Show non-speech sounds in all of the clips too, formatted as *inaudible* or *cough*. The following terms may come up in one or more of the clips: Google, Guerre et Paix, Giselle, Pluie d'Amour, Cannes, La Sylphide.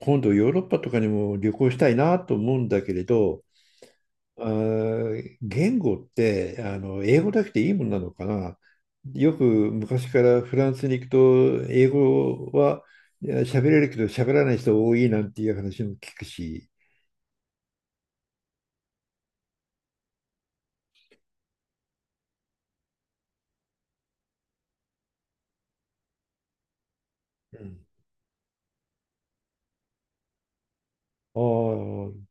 今度ヨーロッパとかにも旅行したいなと思うんだけれど、言語って英語だけでいいもんなのかな。よく昔からフランスに行くと英語は喋れるけど喋らない人多いなんていう話も聞くし。うん、ああ、うん、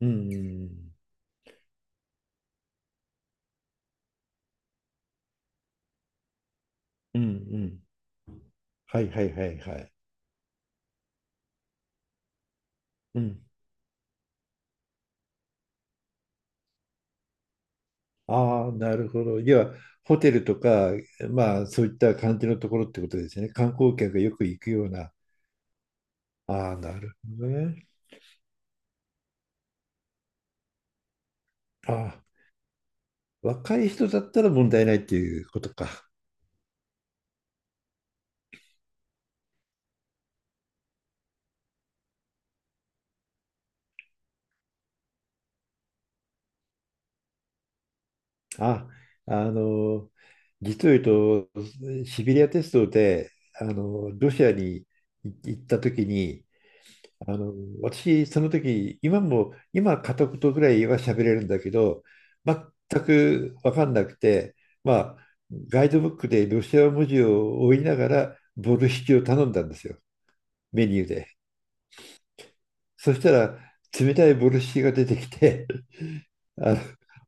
うん、うん。はいはいはいはい。うん。ああ、なるほど。要はホテルとか、まあそういった感じのところってことですよね。観光客がよく行くような。ああ、なるほどね。ああ、若い人だったら問題ないっていうことか。あ、あの、実を言うと、シベリア鉄道で、ロシアに行った時に、あの、私、その時、今も、今片言ぐらいは喋れるんだけど、全く分かんなくて、まあ、ガイドブックでロシア文字を追いながら、ボルシチを頼んだんですよ、メニューで。そしたら、冷たいボルシチが出てきて、あ、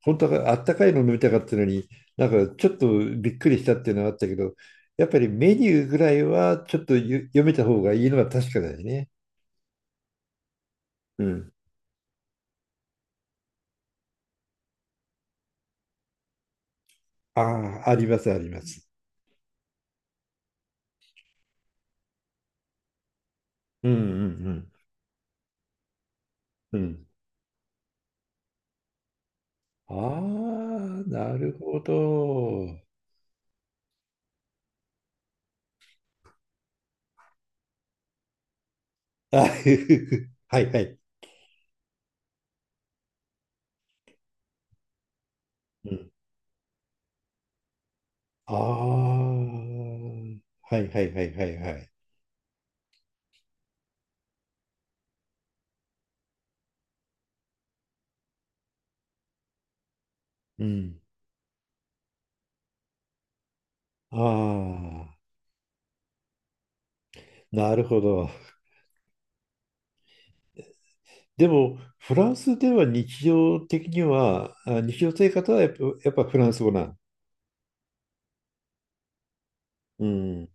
本当はあったかいの飲みたかったのに、なんかちょっとびっくりしたっていうのはあったけど、やっぱりメニューぐらいはちょっと読めた方がいいのは確かだよね。うん。ああ、あります、あります。うんうんうん。うん。ああ、なるほど。*laughs* あふふふはいはい。うん。ああ、はいはいはいはいはい。うん。ああ、なるほど。でも、フランスでは日常的には、あ、日常生活はやっぱ、やっぱフランス語なん。うん。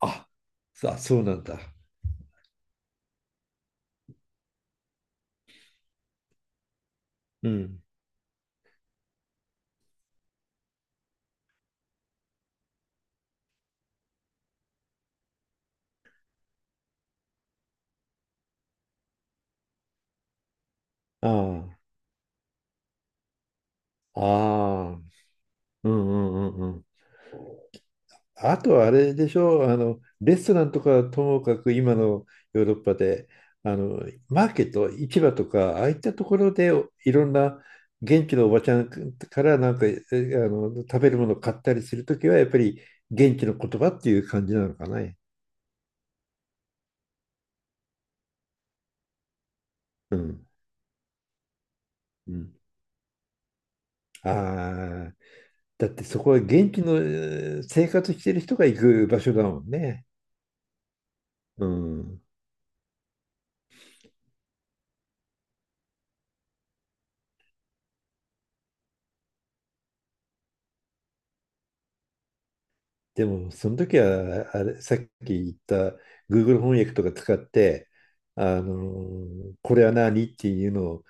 あ、そうなんだ。うん。ああ、ああ、うんうんうんうん。あとはあれでしょう、レストランとかともかく今のヨーロッパで、あの、マーケット、市場とか、ああいったところでいろんな現地のおばちゃんからなんか、食べるものを買ったりするときは、やっぱり現地の言葉っていう感じなのかね。うんうん。ああ、だってそこは現地の生活してる人が行く場所だもんね。うん。でも、その時は、あれ、さっき言った Google 翻訳とか使って、あのこれは何っていうのを、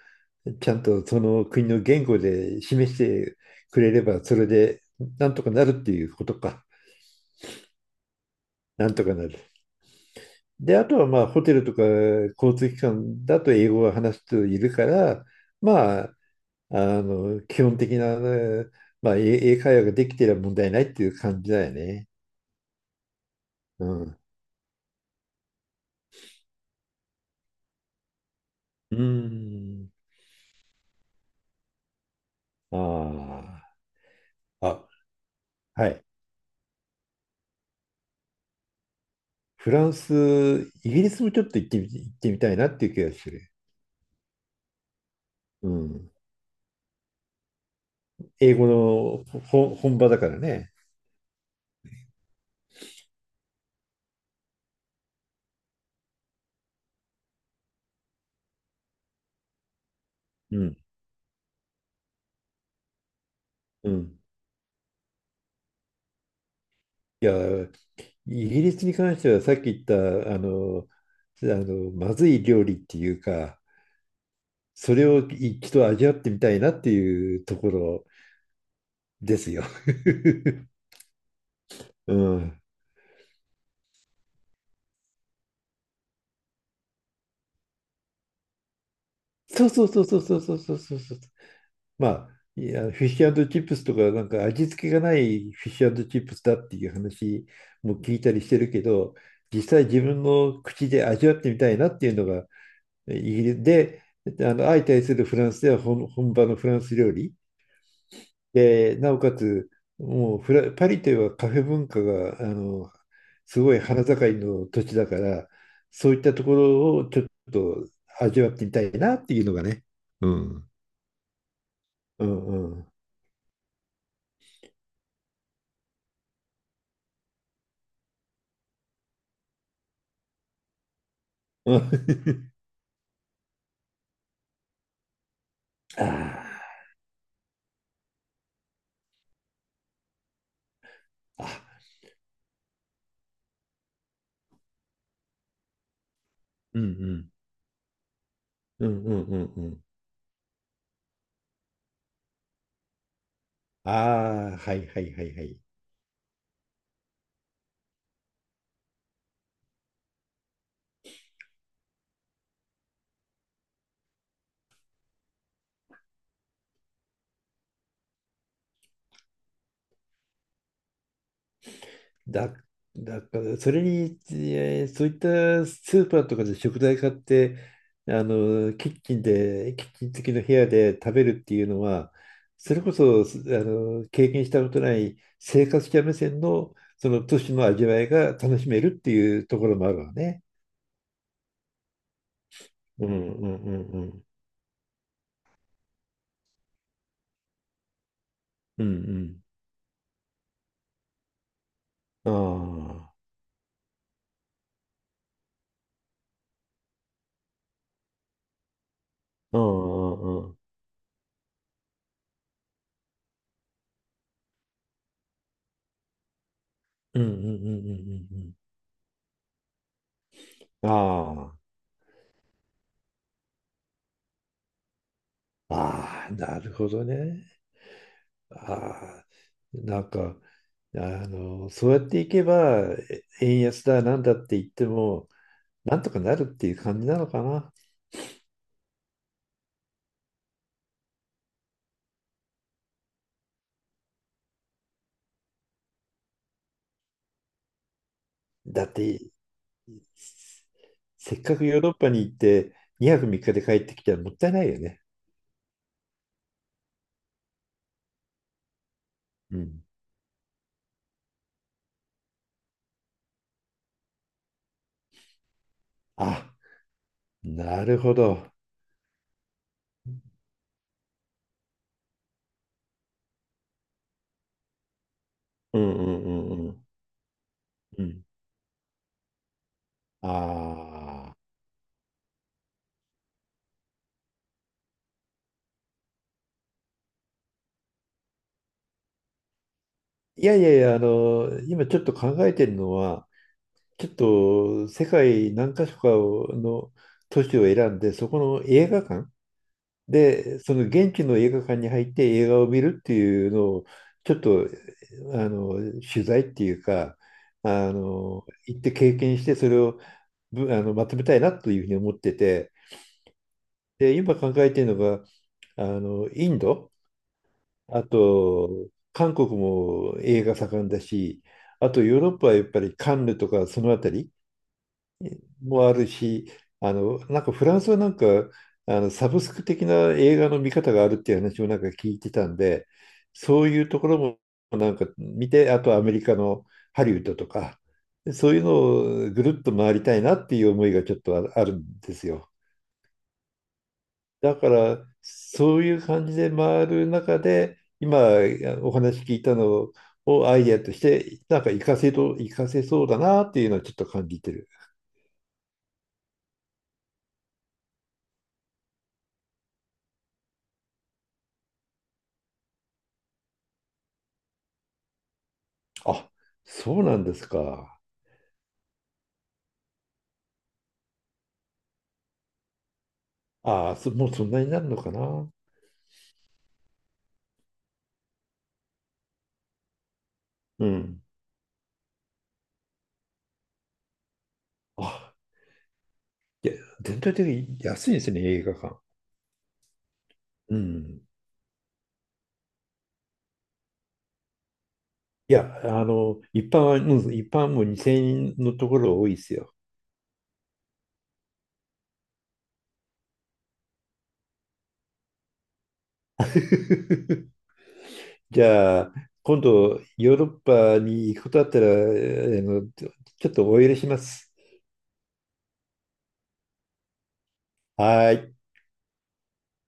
ちゃんとその国の言語で示してくれれば、それでなんとかなるっていうことか。なんとかなる。で、あとはまあ、ホテルとか交通機関だと英語が話す人いるから、まあ、基本的な、ね、まあ、英会話ができてれば問題ないっていう感じだよね。うん。うーん。ああ。あ、はい。フランス、イギリスもちょっと行ってみ、行ってみたいなっていう気がする。うん。英語の本場だからね。うん。うん。いや、イギリスに関してはさっき言った、まずい料理っていうか、それを一度味わってみたいなっていうところですよ。*laughs* うん。そうそうそうそうそうそうそうそうそう。まあ、いや、フィッシュチップスとか、なんか味付けがないフィッシュチップスだっていう話も聞いたりしてるけど、実際自分の口で味わってみたいなっていうのが、イギリスで、あの相対するフランスでは本場のフランス料理で、なおかつ、もうフラ、パリといえばカフェ文化が、すごい花盛りの土地だから、そういったところをちょっと味わってみたいなっていうのがね。うん。うんうん。うん。 *laughs* あーあ、うんうん。うんうんうんうん。ああ、はいはいはいはい。だ、だからそれに、そういったスーパーとかで食材買って、キッチン付きの部屋で食べるっていうのは、それこそ、すあの、経験したことない生活者目線の、その都市の味わいが楽しめるっていうところもあるわね。うんうんうんうん。うんうん。ああ。うんうんうん。うんうんうんうんうんうん。ああ。ああ、なるほどね。ああ、なんか、あそうやっていけば、え円安だなんだって言っても、なんとかなるっていう感じなのかな。だって、せせっかくヨーロッパに行って、2泊3日で帰ってきたらもったいないよね。うん。あ、なるほど。うんうんうんうん。うん。ああ。いやいやいや、あの、今ちょっと考えてるのは、ちょっと世界何か所かの都市を選んで、その現地の映画館に入って映画を見るっていうのを、ちょっと、あの、取材っていうか、あの、行って経験して、それをぶ、あの、まとめたいなというふうに思ってて、で、今考えているのが、あの、インド、あと、韓国も映画盛んだし、あとヨーロッパはやっぱりカンヌとかそのあたりもあるし、あの、なんかフランスはなんか、あの、サブスク的な映画の見方があるっていう話もなんか聞いてたんで、そういうところもなんか見て、あとアメリカのハリウッドとか、そういうのをぐるっと回りたいなっていう思いがちょっとあるんですよ。だから、そういう感じで回る中で、今お話聞いたのをアイデアとして、活かせそうだなっていうのはちょっと感じてる。あ、そうなんですか。ああ、そもうそんなになるのかな。うん。あ、いや、全体的に安いですね、映画館。うん。いや、あの、一般は、うん、一般も2000円のところ多いですよ。*laughs* じゃあ、今度、ヨーロッパに行くことあったら、あの、ちょっとお許しします。はーい。